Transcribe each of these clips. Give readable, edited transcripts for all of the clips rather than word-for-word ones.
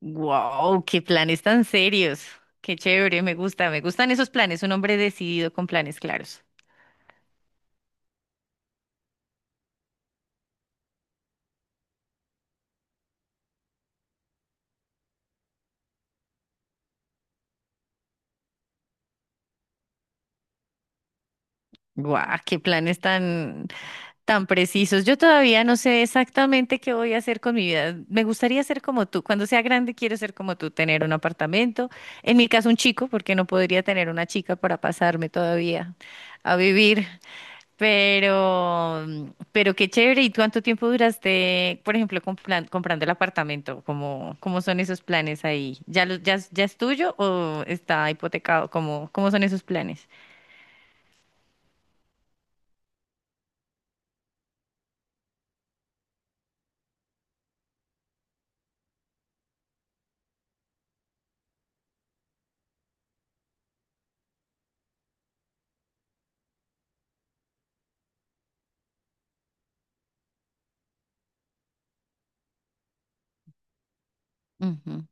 Wow, qué planes tan serios. Qué chévere, me gusta, me gustan esos planes, un hombre decidido con planes claros. Guau, qué planes tan precisos. Yo todavía no sé exactamente qué voy a hacer con mi vida. Me gustaría ser como tú. Cuando sea grande, quiero ser como tú, tener un apartamento. En mi caso, un chico, porque no podría tener una chica para pasarme todavía a vivir. Pero, pero qué chévere. ¿Y cuánto tiempo duraste, por ejemplo, comprando el apartamento? ¿Cómo son esos planes ahí? ¿Ya es tuyo o está hipotecado? ¿Cómo son esos planes? Ujú,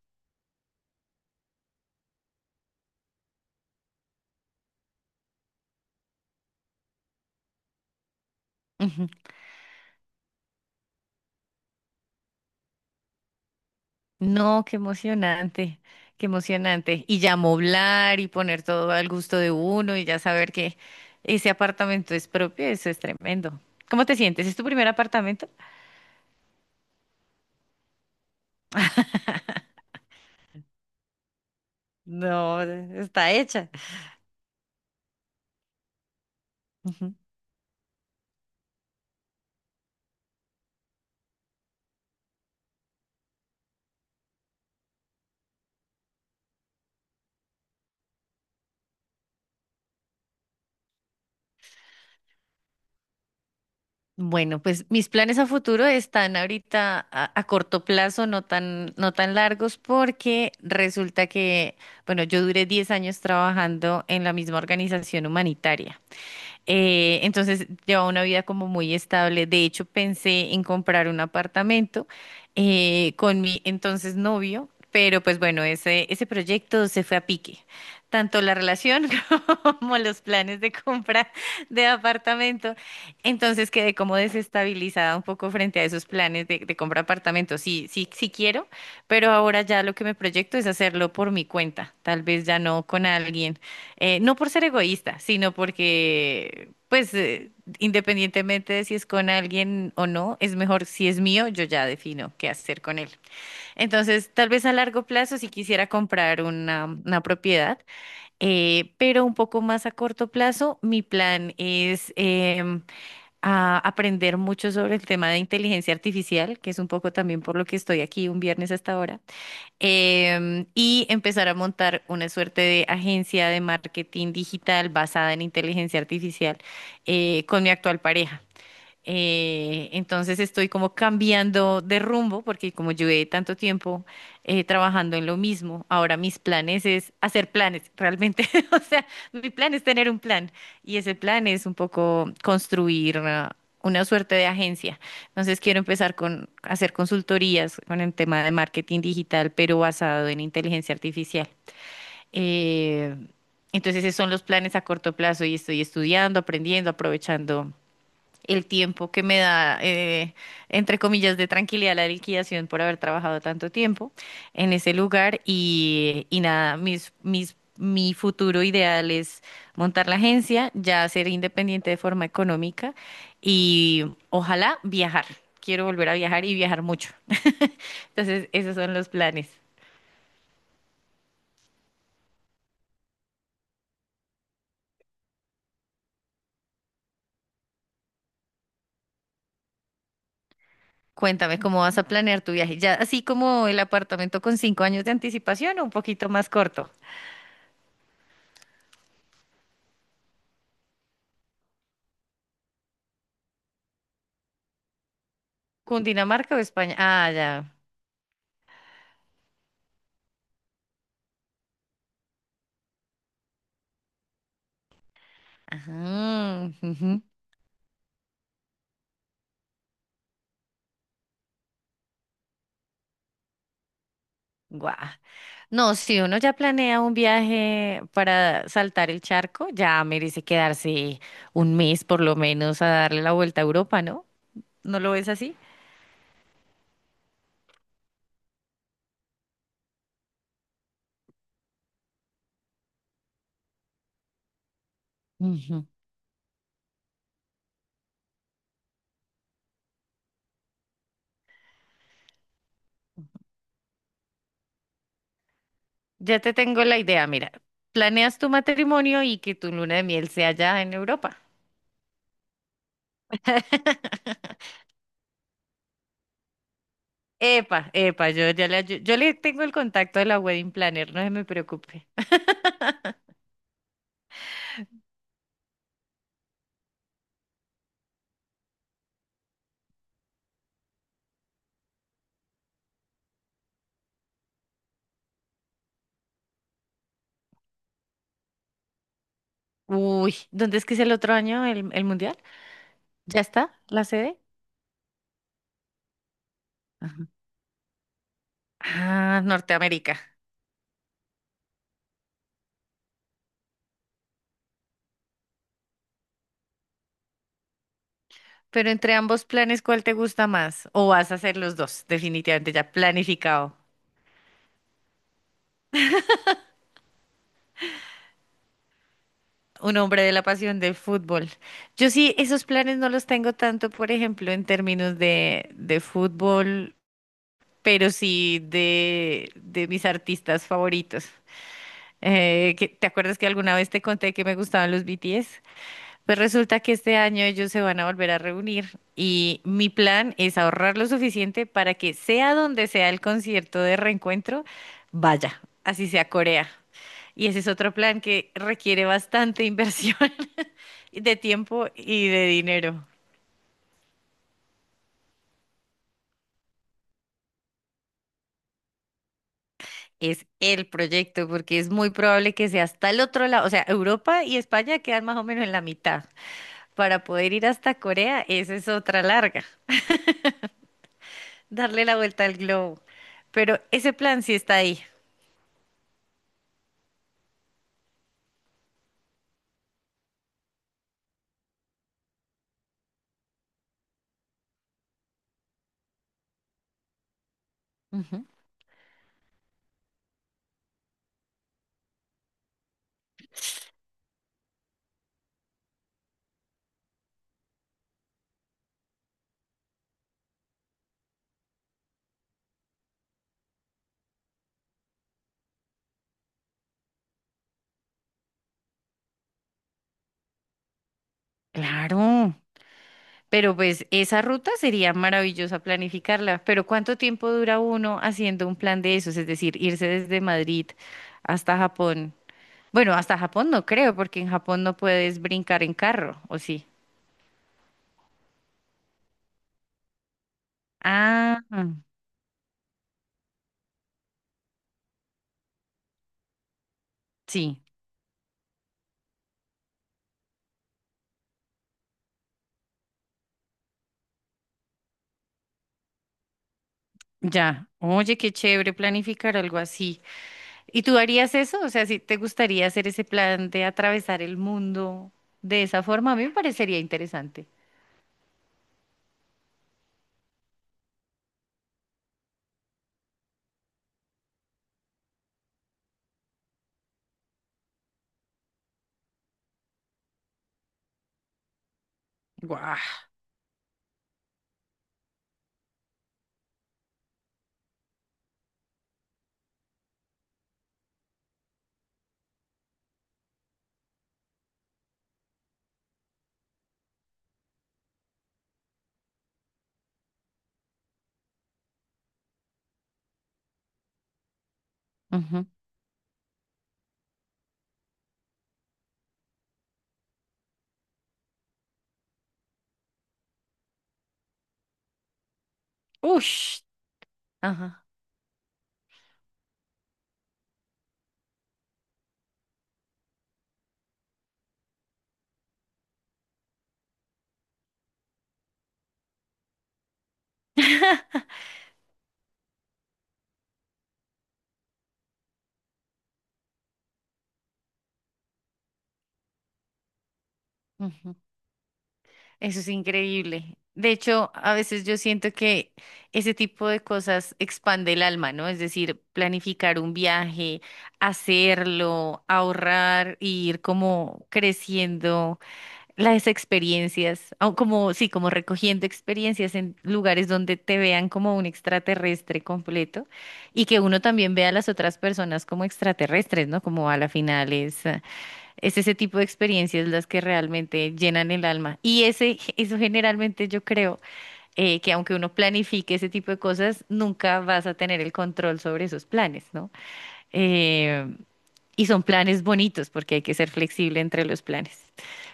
ujú. No, qué emocionante, qué emocionante. Y ya moblar y poner todo al gusto de uno y ya saber que ese apartamento es propio, eso es tremendo. ¿Cómo te sientes? ¿Es tu primer apartamento? No, está hecha. Ujú. Bueno, pues mis planes a futuro están ahorita a corto plazo, no tan largos, porque resulta que, bueno, yo duré 10 años trabajando en la misma organización humanitaria. Entonces lleva una vida como muy estable. De hecho, pensé en comprar un apartamento con mi entonces novio, pero pues bueno, ese proyecto se fue a pique. Tanto la relación como los planes de compra de apartamento. Entonces quedé como desestabilizada un poco frente a esos planes de compra de apartamento. Sí, sí, sí quiero, pero ahora ya lo que me proyecto es hacerlo por mi cuenta, tal vez ya no con alguien. No por ser egoísta, sino porque, pues, independientemente de si es con alguien o no, es mejor si es mío, yo ya defino qué hacer con él. Entonces, tal vez a largo plazo si quisiera comprar una propiedad, pero un poco más a corto plazo, mi plan es a aprender mucho sobre el tema de inteligencia artificial, que es un poco también por lo que estoy aquí un viernes hasta ahora y empezar a montar una suerte de agencia de marketing digital basada en inteligencia artificial con mi actual pareja. Entonces estoy como cambiando de rumbo porque como llevé tanto tiempo trabajando en lo mismo, ahora mis planes es hacer planes realmente. O sea, mi plan es tener un plan y ese plan es un poco construir una suerte de agencia. Entonces quiero empezar con hacer consultorías con el tema de marketing digital, pero basado en inteligencia artificial. Eh, entonces esos son los planes a corto plazo y estoy estudiando, aprendiendo, aprovechando el tiempo que me da, entre comillas, de tranquilidad la liquidación por haber trabajado tanto tiempo en ese lugar y, y nada, mi futuro ideal es montar la agencia, ya ser independiente de forma económica y ojalá viajar. Quiero volver a viajar y viajar mucho. Entonces, esos son los planes. Cuéntame, ¿cómo vas a planear tu viaje? ¿Ya así como el apartamento con 5 años de anticipación o un poquito más corto? ¿Cundinamarca o España? Ah, ya. Ah, ujú, guau. No, si uno ya planea un viaje para saltar el charco, ya merece quedarse un mes por lo menos a darle la vuelta a Europa, ¿no? ¿No lo ves así? Ujú. Ya te tengo la idea, mira. Planeas tu matrimonio y que tu luna de miel sea allá en Europa. Epa, epa, yo le tengo el contacto de la wedding planner, no se me preocupe. Uy, ¿dónde es que es el otro año el mundial? ¿Ya está la sede? Ah, Norteamérica. Pero entre ambos planes, ¿cuál te gusta más? ¿O vas a hacer los dos? Definitivamente ya planificado. Un hombre de la pasión del fútbol. Yo sí, esos planes no los tengo tanto, por ejemplo, en términos de fútbol, pero sí de mis artistas favoritos. ¿Te acuerdas que alguna vez te conté que me gustaban los BTS? Pues resulta que este año ellos se van a volver a reunir y mi plan es ahorrar lo suficiente para que sea donde sea el concierto de reencuentro, vaya, así sea Corea. Y ese es otro plan que requiere bastante inversión de tiempo y de dinero. Es el proyecto porque es muy probable que sea hasta el otro lado, o sea, Europa y España quedan más o menos en la mitad. Para poder ir hasta Corea, esa es otra larga, darle la vuelta al globo. Pero ese plan sí está ahí. Ujú. Claro, pero pues esa ruta sería maravillosa planificarla, pero ¿cuánto tiempo dura uno haciendo un plan de esos? Es decir, irse desde Madrid hasta Japón. Bueno, hasta Japón no creo, porque en Japón no puedes brincar en carro, ¿o sí? Ah, sí, ya. Oye, qué chévere planificar algo así. ¿Y tú harías eso? O sea, si te gustaría hacer ese plan de atravesar el mundo de esa forma, a mí me parecería interesante. Guau. Ujú. Ush, ajá, ujú. Eso es increíble. De hecho, a veces yo siento que ese tipo de cosas expande el alma, ¿no? Es decir, planificar un viaje, hacerlo, ahorrar, y ir como creciendo las experiencias, o como, sí, como recogiendo experiencias en lugares donde te vean como un extraterrestre completo y que uno también vea a las otras personas como extraterrestres, ¿no? Como a la final es. Es ese tipo de experiencias las que realmente llenan el alma. Y ese, eso generalmente yo creo que aunque uno planifique ese tipo de cosas, nunca vas a tener el control sobre esos planes, ¿no? Eh, y son planes bonitos porque hay que ser flexible entre los planes.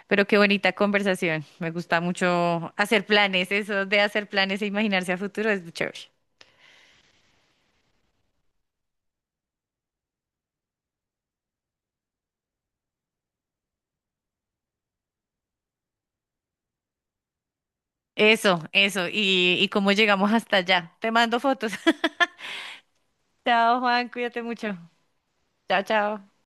Pero qué bonita conversación. Me gusta mucho hacer planes. Eso de hacer planes e imaginarse a futuro es chévere. Eso, eso. Y cómo llegamos hasta allá. Te mando fotos. Chao, Juan. Cuídate mucho. Chao, chao.